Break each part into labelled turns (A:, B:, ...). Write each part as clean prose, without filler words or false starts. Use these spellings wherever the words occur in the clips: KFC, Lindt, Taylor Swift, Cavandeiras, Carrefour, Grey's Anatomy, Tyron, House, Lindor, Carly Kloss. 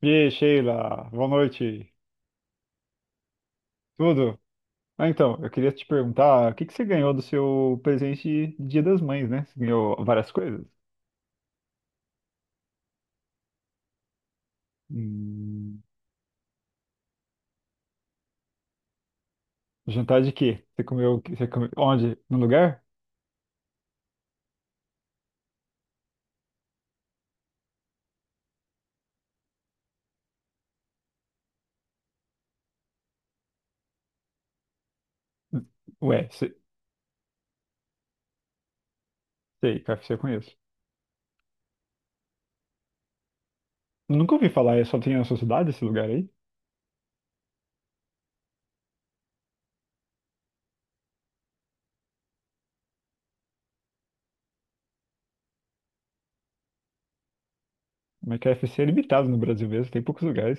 A: E aí, Sheila, boa noite. Tudo? Ah, então, eu queria te perguntar, o que que você ganhou do seu presente de Dia das Mães, né? Você ganhou várias coisas? Hum, jantar de quê? Você comeu, o quê? Você comeu onde? No lugar? Ué, se- sei, KFC eu conheço. Nunca ouvi falar, é só tem na sua cidade esse lugar aí? Mas KFC é limitado no Brasil mesmo, tem poucos lugares.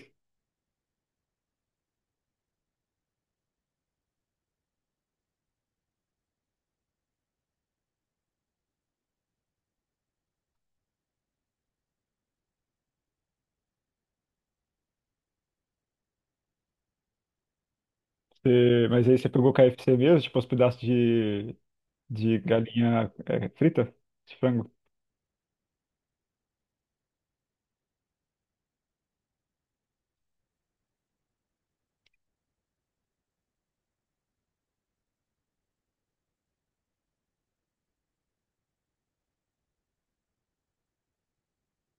A: Mas aí você pegou KFC mesmo, tipo os pedaços de galinha é, frita, de frango?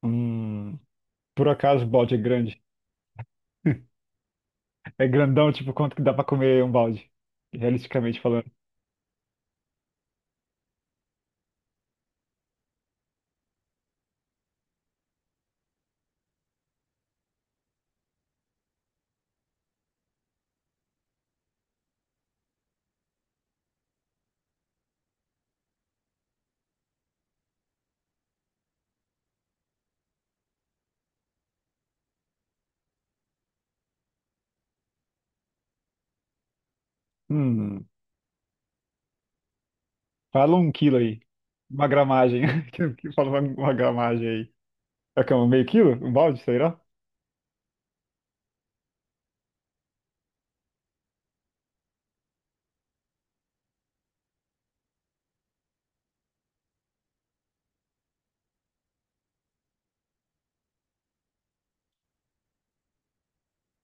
A: Hum, por acaso o balde é grande? É grandão, tipo, quanto que dá pra comer um balde? Realisticamente falando. Hum, fala um quilo aí. Uma gramagem. Que Fala uma gramagem aí. É que é um meio quilo? Um balde, será?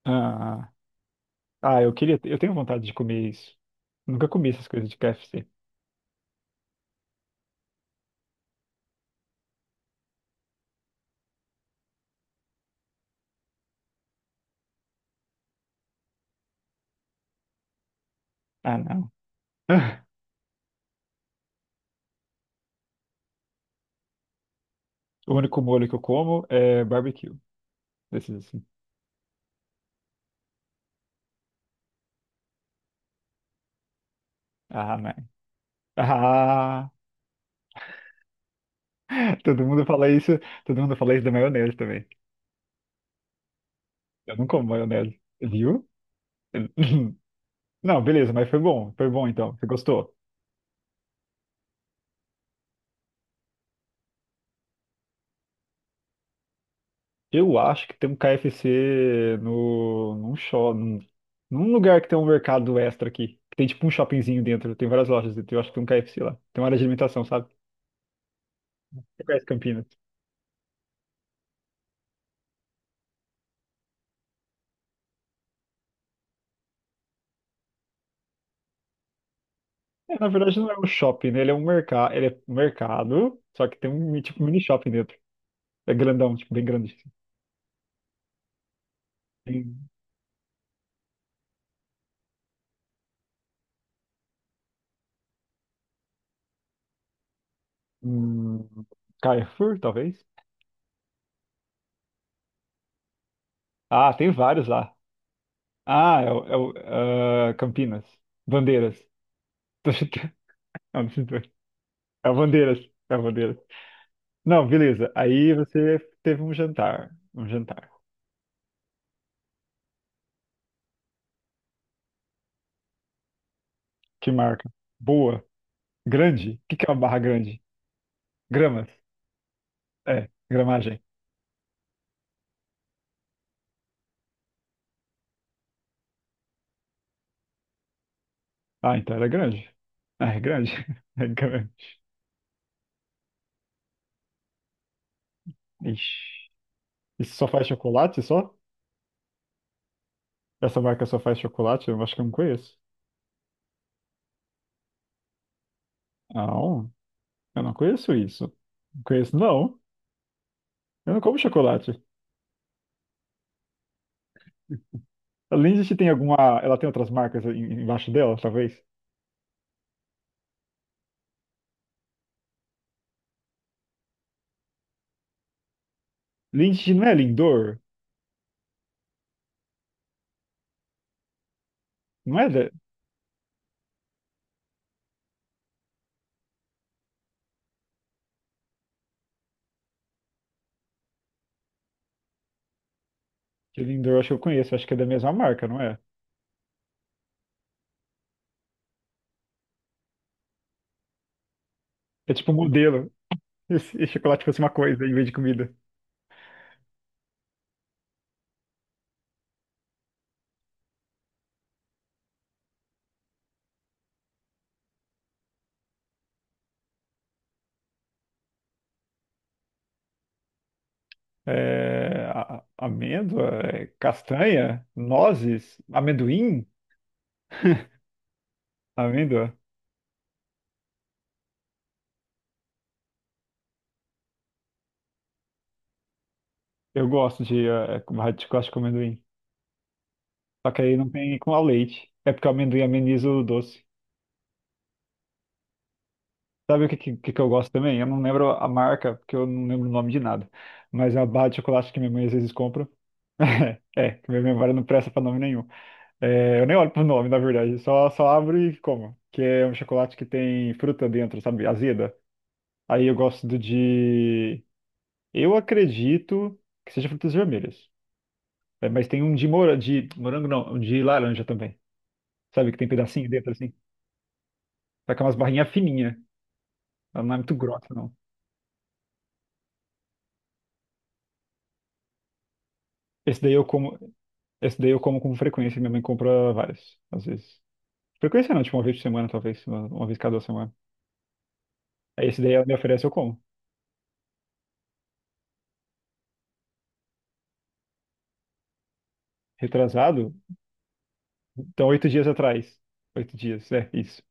A: Ah, ah, eu queria. Eu tenho vontade de comer isso. Nunca comi essas coisas de KFC. Ah, não. O único molho que eu como é barbecue. Desses assim. Ah, man. Ah, todo mundo fala isso. Todo mundo fala isso da maionese também. Eu não como maionese. Viu? Não, beleza, mas foi bom então. Você gostou? Eu acho que tem um KFC no, num, shop, num, num, lugar que tem um mercado extra aqui. Que tem tipo um shoppingzinho dentro, tem várias lojas dentro. Eu acho que tem um KFC lá. Tem uma área de alimentação, sabe? Você conhece Campinas? É, na verdade não é um shopping, né? Ele é um mercado, só que tem um tipo mini shopping dentro. É grandão, tipo, bem grande. Assim. Tem um Carrefour, talvez? Ah, tem vários lá. Ah, ah, Campinas. Bandeiras. Tô chutando. Ah, não sei. Cavandeiras, Cavandeiras. Não, beleza. Aí você teve um jantar. Um jantar. Que marca? Boa. Grande? O que que é uma barra grande? Gramas? É, gramagem. Ah, então era grande. Ah, é grande. É grande. Ixi. Isso só faz chocolate, só? Essa marca só faz chocolate? Eu acho que eu não conheço. Não, eu não conheço isso. Não conheço, não. Eu não como chocolate. A Lindt tem alguma... Ela tem outras marcas embaixo dela, talvez? Lindt não é Lindor? Não é. Que Lindor, acho que eu conheço, acho que é da mesma marca, não é? É tipo um modelo. E se chocolate fosse uma coisa em vez de comida. É, amêndoa, é, castanha, nozes, amendoim. Amêndoa. Eu gosto de de chocolate com amendoim. Só que aí não tem com a leite. É porque o amendoim ameniza o doce. Sabe o que eu gosto também? Eu não lembro a marca, porque eu não lembro o nome de nada. Mas é uma barra de chocolate que minha mãe às vezes compra. É, que minha memória não presta pra nome nenhum. É, eu nem olho pro nome, na verdade. Só abro e como. Que é um chocolate que tem fruta dentro, sabe? Azeda. Aí eu gosto do de. Eu acredito que seja frutas vermelhas. É, mas tem um de, de morango, não. Um de laranja também. Sabe? Que tem pedacinho dentro assim. Só que é umas barrinhas fininhas. Ela não é muito grossa, não. Esse daí eu como. Esse daí eu como com frequência. Minha mãe compra vários, às vezes. Frequência não, tipo uma vez por semana, talvez. Uma vez cada semana. Aí esse daí ela me oferece, eu como. Retrasado. Então, 8 dias atrás. Oito dias, é isso.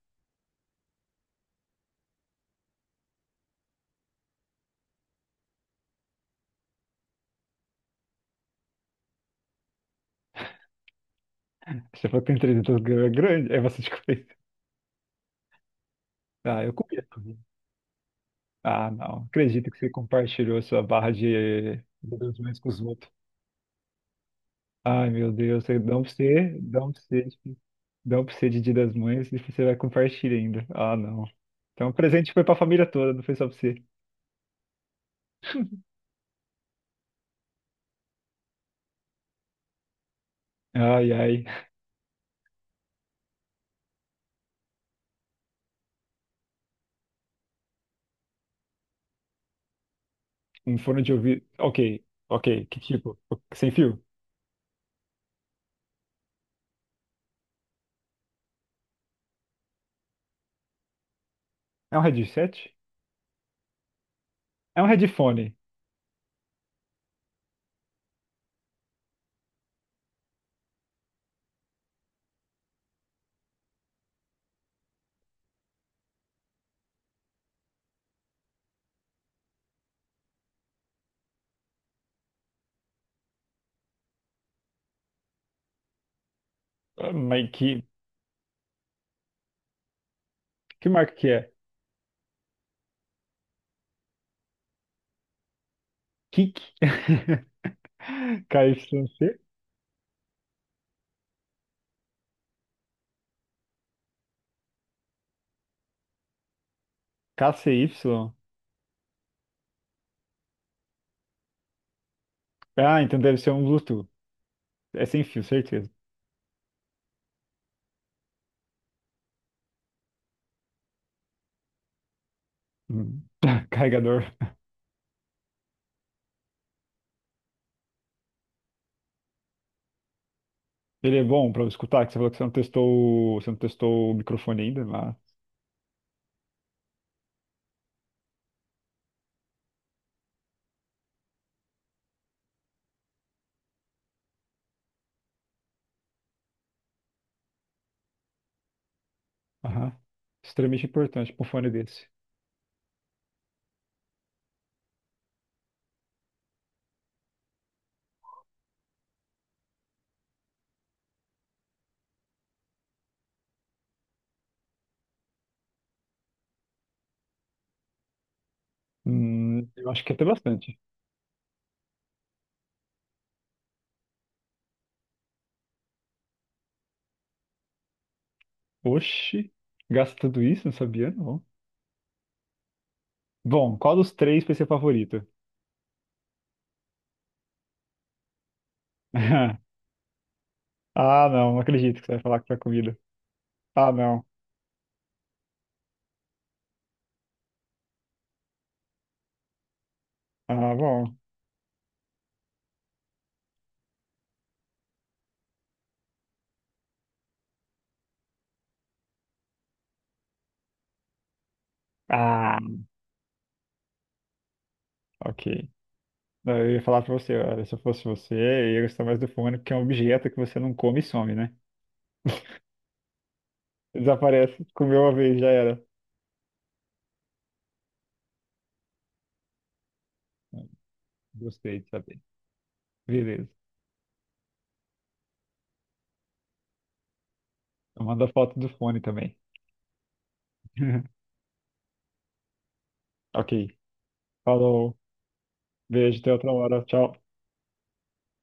A: Você falou que tem 300 gramas, é grande, é bastante coisa. Ah, eu comia também. Ah, não. Acredito que você compartilhou sua barra de deduções com os outros. Ai, meu Deus, você dá um pra você, dá um pra você, dá um pra você de Dia das Mães e você vai compartilhar ainda. Ah, não. Então, o presente foi pra família toda, não foi só pra você. Ai, ai. Um fone de ouvido. Ok, ok. Que tipo? Sem fio? É um headset? É um headphone. Ah, Mas que marca que é? Kik? KYC? Y. C? K C Y? Ah, então deve ser um Bluetooth. É sem fio, certeza. Hum. Carregador. Ele é bom pra eu escutar, que você falou que você não testou, você não testou o microfone ainda, mas... Aham. Extremamente importante pra um fone desse. Eu acho que é até bastante. Oxi, gasta tudo isso? Não sabia, não. Bom, qual dos três vai ser favorito? Ah, não acredito que você vai falar que foi comida. Ah, não. Ah, bom. Ah, ok. Eu ia falar pra você, olha, se eu fosse você, eu ia gostar mais do fone, porque é um objeto que você não come e some, né? Desaparece, comeu uma vez, já era. Gostei de saber. Beleza. Eu mando a foto do fone também. Ok. Falou. Beijo, até outra hora. Tchau.